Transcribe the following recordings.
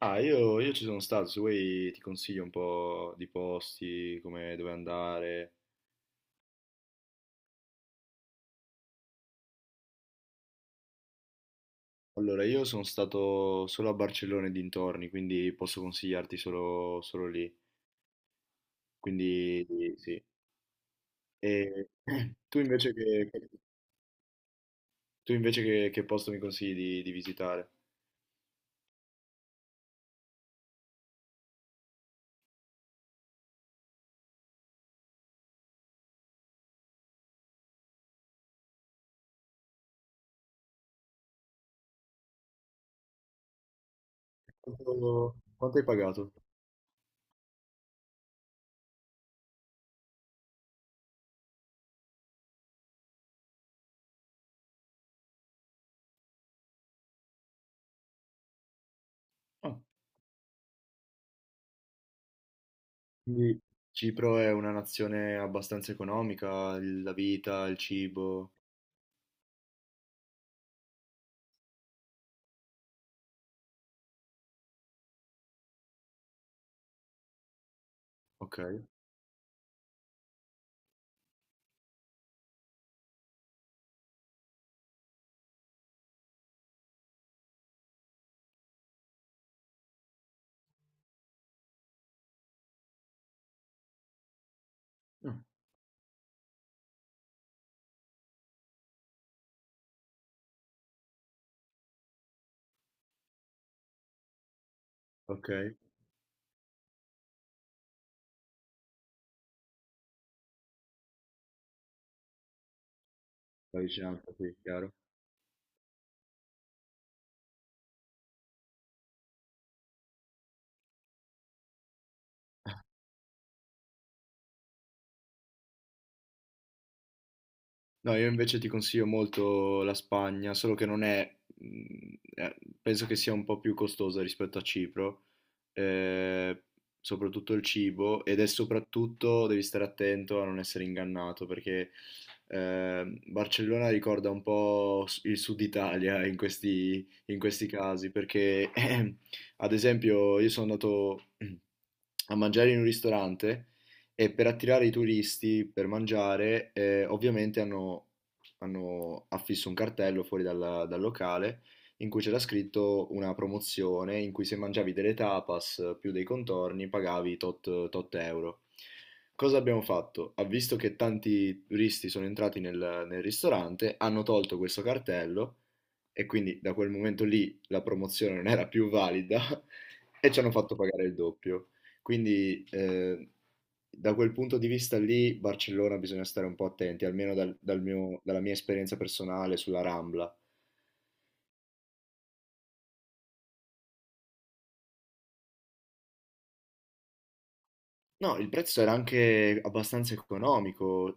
Ah, io ci sono stato, se vuoi ti consiglio un po' di posti, come dove andare. Allora, io sono stato solo a Barcellona e dintorni, quindi posso consigliarti solo lì. Quindi sì. E tu invece che, tu invece che posto mi consigli di visitare? Quanto hai pagato? Ah, quindi Cipro è una nazione abbastanza economica, la vita, il cibo. Ok. Ah, ok, la vicinanza, sì, chiaro. No, io invece ti consiglio molto la Spagna, solo che non è, mh, eh, penso che sia un po' più costosa rispetto a Cipro, ehm, soprattutto il cibo ed è soprattutto devi stare attento a non essere ingannato perché Barcellona ricorda un po' il sud Italia in questi casi perché ad esempio io sono andato a mangiare in un ristorante e per attirare i turisti per mangiare ovviamente hanno affisso un cartello dal locale in cui c'era scritto una promozione in cui se mangiavi delle tapas più dei contorni pagavi tot euro. Cosa abbiamo fatto? Ha visto che tanti turisti sono entrati nel ristorante, hanno tolto questo cartello e quindi da quel momento lì la promozione non era più valida e ci hanno fatto pagare il doppio. Quindi da quel punto di vista lì, Barcellona bisogna stare un po' attenti, almeno dalla mia esperienza personale sulla Rambla. No, il prezzo era anche abbastanza economico.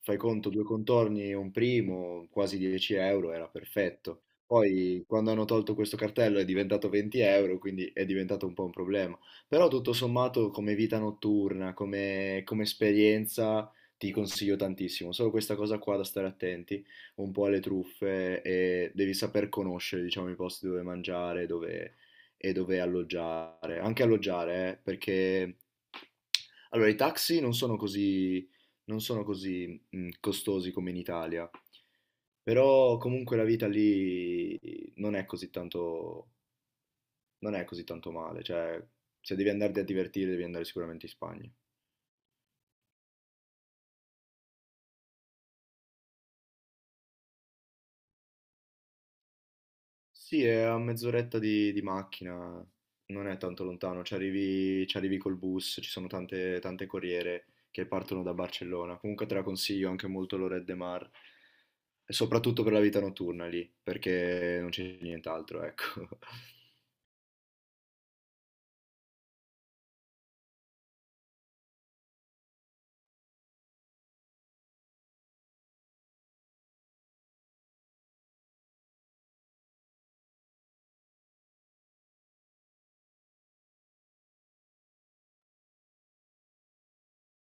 Fai conto, due contorni e un primo, quasi 10 euro, era perfetto. Poi, quando hanno tolto questo cartello è diventato 20 euro, quindi è diventato un po' un problema. Però tutto sommato, come vita notturna, come esperienza, ti consiglio tantissimo. Solo questa cosa qua da stare attenti, un po' alle truffe e devi saper conoscere, diciamo, i posti dove mangiare, dove e dove alloggiare. Anche alloggiare, perché allora i taxi non sono così costosi come in Italia, però comunque la vita lì non è così tanto, non è così tanto male, cioè se devi andarti a divertire devi andare sicuramente in Spagna. Sì, è a mezz'oretta di macchina, non è tanto lontano, ci arrivi col bus, ci sono tante corriere che partono da Barcellona, comunque te la consiglio anche molto l'Oret de Mar. E soprattutto per la vita notturna lì, perché non c'è nient'altro, ecco.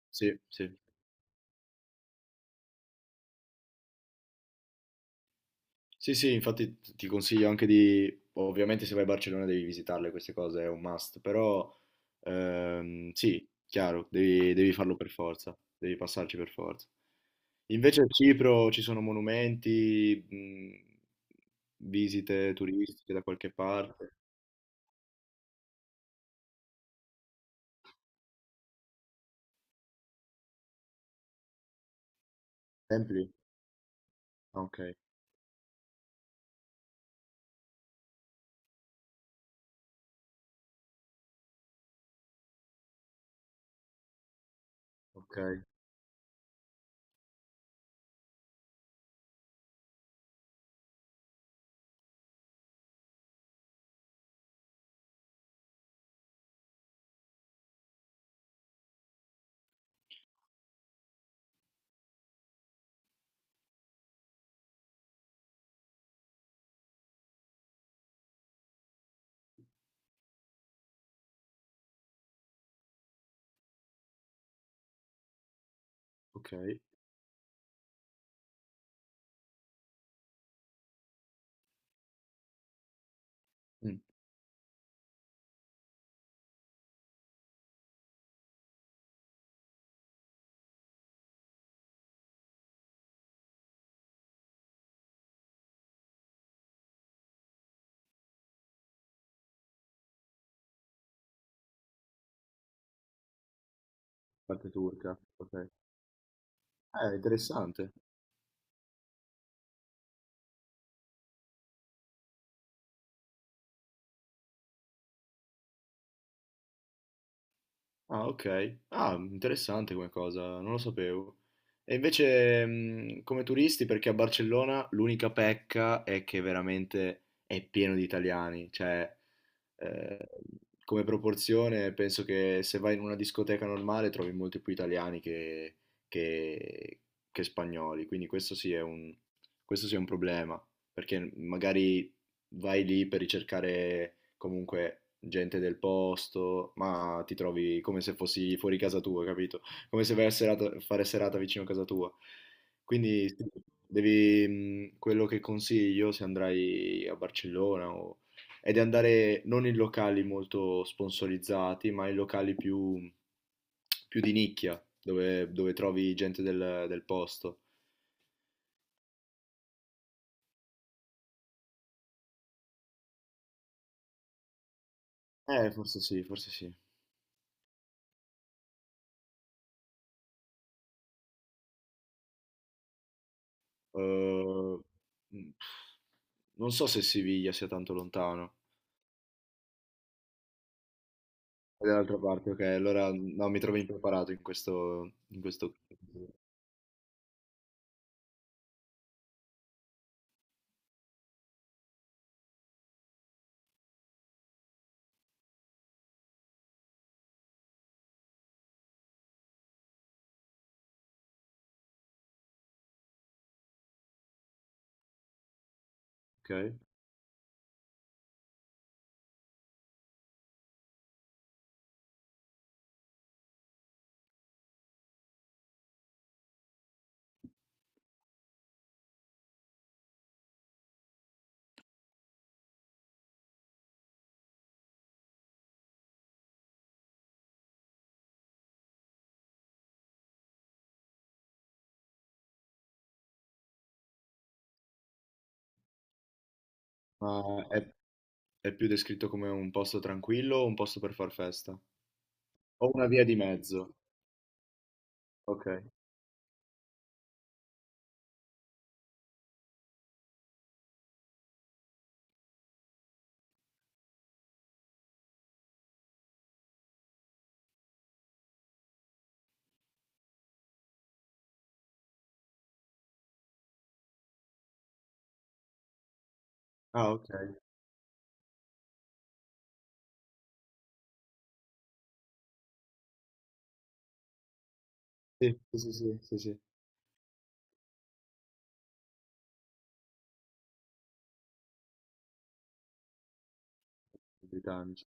Sì, sì. Sì, sì, infatti ti consiglio anche di, ovviamente se vai a Barcellona devi visitarle queste cose, è un must, però sì, chiaro, devi farlo per forza, devi passarci per forza. Invece a Cipro ci sono monumenti, visite turistiche da qualche parte, templi? Ah, ok, ok, ok. Mm, parte turca, ok. Interessante. Ah, ok. Ah, interessante come cosa, non lo sapevo. E invece, come turisti, perché a Barcellona l'unica pecca è che veramente è pieno di italiani, cioè eh, come proporzione penso che se vai in una discoteca normale trovi molti più italiani che- che spagnoli, quindi questo sì è un problema, perché magari vai lì per ricercare comunque gente del posto, ma ti trovi come se fossi fuori casa tua, capito? Come se vai a fare serata vicino a casa tua. Quindi sì, quello che consiglio se andrai a Barcellona o è di andare non in locali molto sponsorizzati, ma in locali più di nicchia, dove trovi gente del posto. Forse sì, forse sì. Eh, mh, Non so se Siviglia sia tanto lontano. È dall'altra parte, ok. Allora no, mi trovo impreparato in questo... Ok. Ma è, è più descritto come un posto tranquillo o un posto per far festa? O una via di mezzo? Ok. Ah, ok. Sì, sì, sì, sì, sì, sì. Britannici